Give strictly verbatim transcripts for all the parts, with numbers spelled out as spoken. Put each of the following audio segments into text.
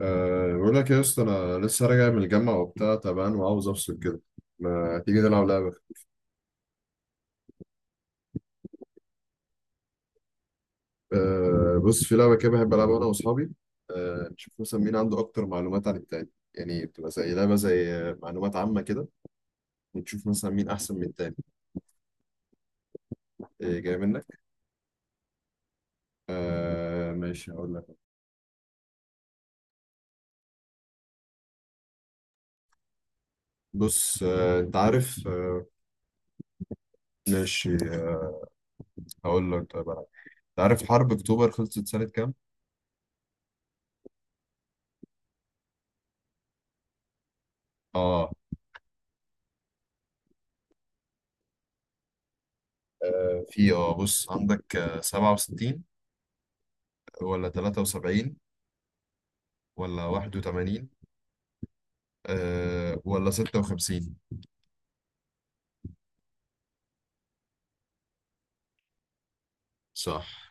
أه بقول لك يا اسطى انا لسه راجع من الجامعه وبتاع تعبان وعاوز افصل كده. ما تيجي نلعب لعبه؟ أه بص في لعبه كده بحب العبها انا واصحابي. أه نشوف مثلا مين عنده اكتر معلومات عن التاني، يعني بتبقى زي لعبه، زي آه، معلومات عامه كده. ونشوف مثلا مين احسن من التاني. أه جاي منك. أه ماشي هقول لك. بص أه انت عارف أه ماشي أه هقول لك طيب أنا. انت عارف حرب اكتوبر خلصت سنه كام؟ اه. في اه بص عندك آه، سبعة وستين ولا تلاتة وسبعين ولا واحد وثمانين أه ولا ستة وخمسين. صح،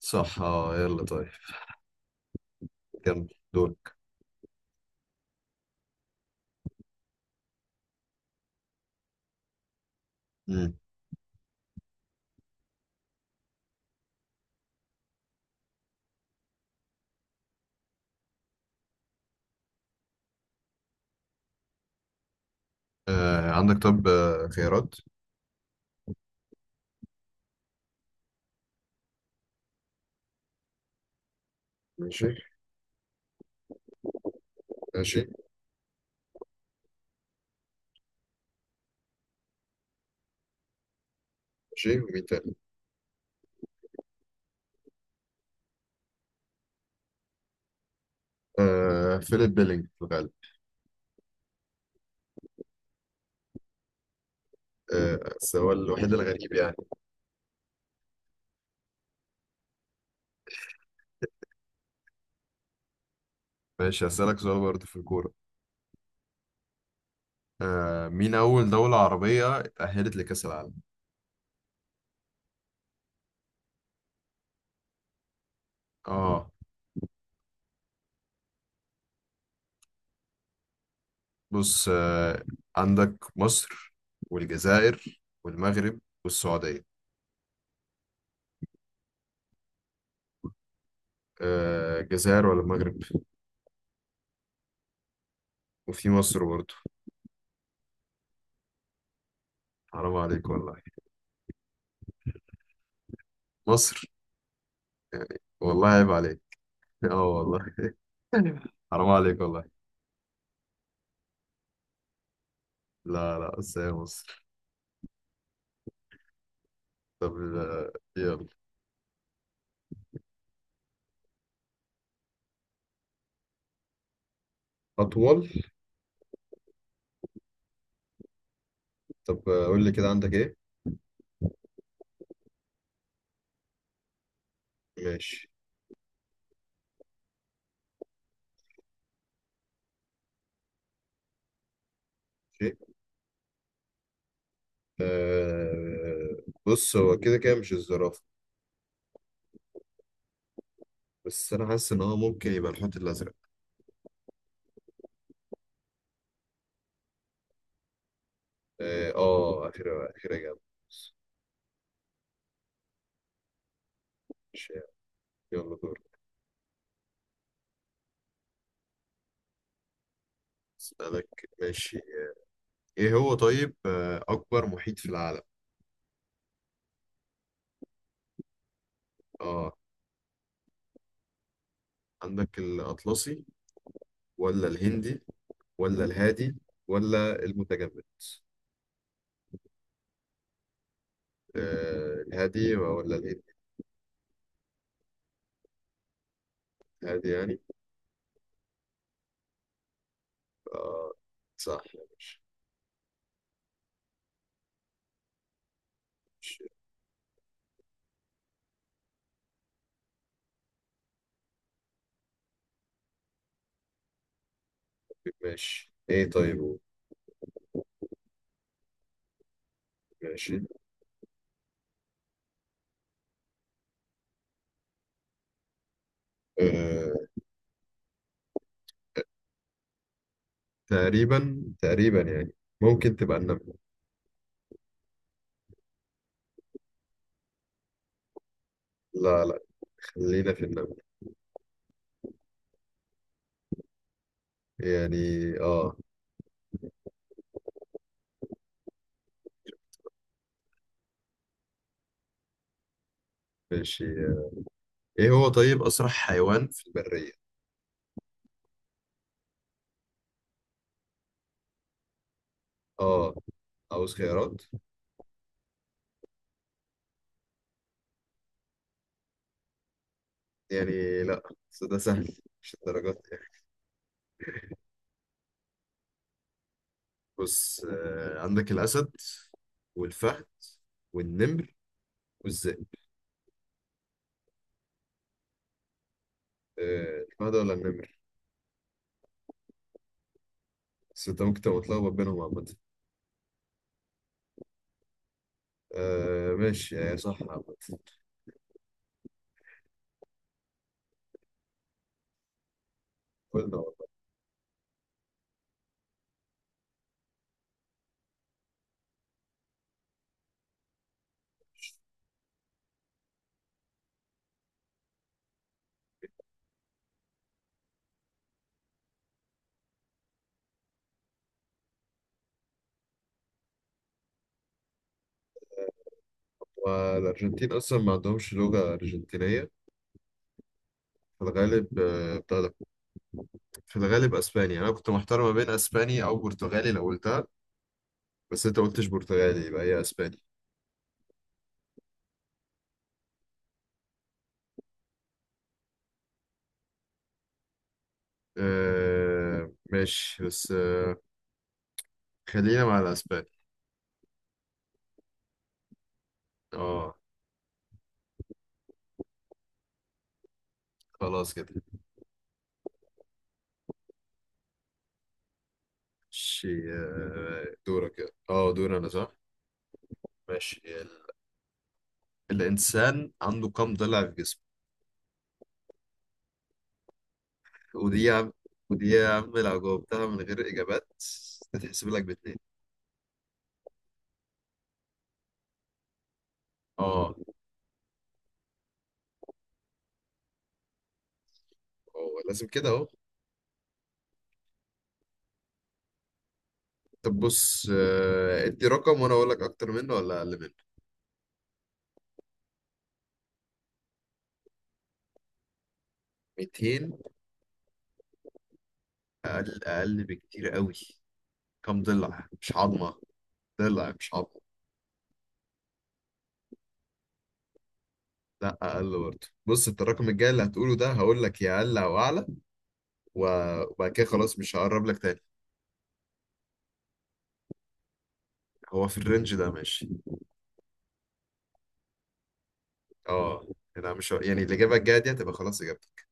صح، اه، يلا طيب. كمل دورك. مم. أه عندك طب آه، خيارات. ماشي، ماشي، ماشي. ومين تاني؟ أه فيليب بيلينج في الغالب. آه، بس هو الوحيد الغريب يعني. ماشي هسألك سؤال برضه في الكورة. أه مين أول دولة عربية تأهلت لكأس العالم؟ اه. بص أه عندك مصر والجزائر والمغرب والسعودية. أه الجزائر ولا المغرب. وفي مصر برضه. حرام عليك والله. مصر. يعني والله عيب عليك. اه والله. حرام عليك والله. لا، لا، بس هي مصر. طب آه، يلا. أطول. طب آه، قول لي كده عندك إيه. ماشي. شيء. آه بص هو كده كده مش الزرافة. بس أنا حاسس إن هو ممكن يبقى الحوت الأزرق. آه آه، أخيرا أخيرا جامد. ماشي، يلا دور. أسألك ماشي. إيه هو طيب آه، أكبر محيط في العالم؟ آه عندك الأطلسي ولا الهندي ولا الهادي ولا المتجمد. آه الهادي ولا الهندي. الهادي يعني. آه. صح يا باشا. ماشي. ماشي ايه طيب. ماشي. آه. تقريبا تقريبا يعني ممكن تبقى النملة. لا، لا، خلينا في النملة. يعني اه. ماشي. ايه هو طيب اسرع حيوان في البرية. اه. عاوز خيارات. يعني لا، بس ده سهل. مش الدرجات يعني. بص آه عندك الأسد والفهد والنمر والذئب. آه، الحمادة ولا النمر. بس انت ممكن تبقى متلخبط بينهم عامة. آه ماشي يعني صح عامة. قلنا والله. والأرجنتين أصلا ما عندهمش لغة أرجنتينية. في الغالب آه، بتاع ده. في الغالب أسباني، يعني أنا كنت محتار ما بين أسباني أو برتغالي لو قلتها. بس أنت قلتش برتغالي، يبقى هي أسباني. آه ماشي بس آه خلينا مع الأسباني. اه. خلاص كده. ماشي آه، دورك اه دور أنا صح. ماشي. الإنسان عنده كم ضلع في جسمه؟ ودي يا عم، ودي يا عم لو جاوبتها من غير إجابات تتحسب لك باتنين. اه. اه لازم كده اهو. طب بص آه، ادي رقم وانا اقول لك اكتر منه ولا اقل منه. ميتين. اقل، اقل بكتير قوي. كم ضلع مش عظمه. ضلع مش عظمه. لا اقل برضه. بص انت الرقم الجاي اللي هتقوله ده هقول لك يا اقل او اعلى. و- وبعد كده خلاص مش هقرب لك تاني. هو في الرينج ده ماشي. اه. يعني انا مش ه- يعني الاجابه الجايه دي هتبقى خلاص اجابتك.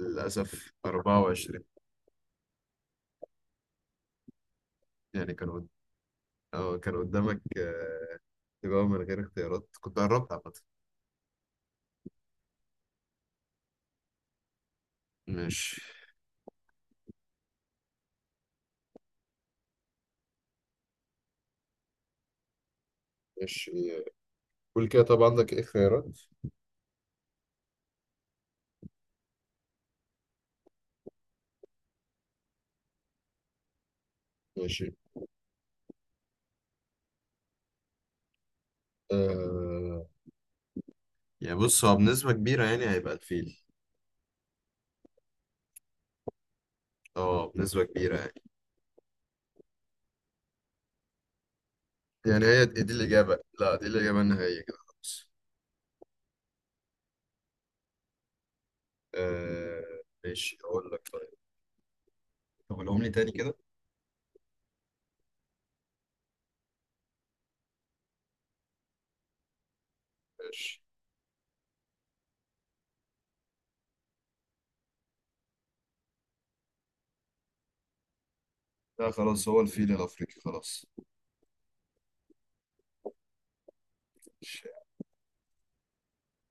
للاسف أربعة وعشرين. يعني كانوا اه كان قدامك آه، تجاوب من غير اختيارات كنت قربت عامة. ماشي. ماشي قول كده طبعا عندك ايه اختيارات. ماشي. آه... يعني بص هو بنسبة كبيرة يعني هيبقى الفيل. اه بنسبة كبيرة يعني. يعني هي دي دي الإجابة. لا دي الإجابة النهائية كده خلاص. آه ماشي أقول لك طيب. طب قولهم لي تاني كده. ماشي. لا خلاص هو الفيل الأفريقي خلاص. ماشي.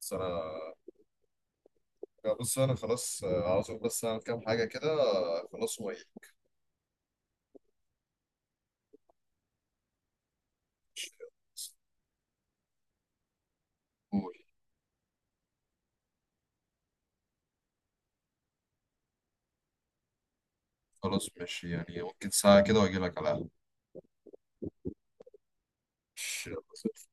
بس أنا. لا، بص أنا خلاص آه، عاوز أقول بس أعمل كام حاجة كده آه، خلاص وإيه. ماشي. قول. خلاص ماشي يعني ممكن ساعة كده واجي لك على القهوة. ماشي، يلا، سلام.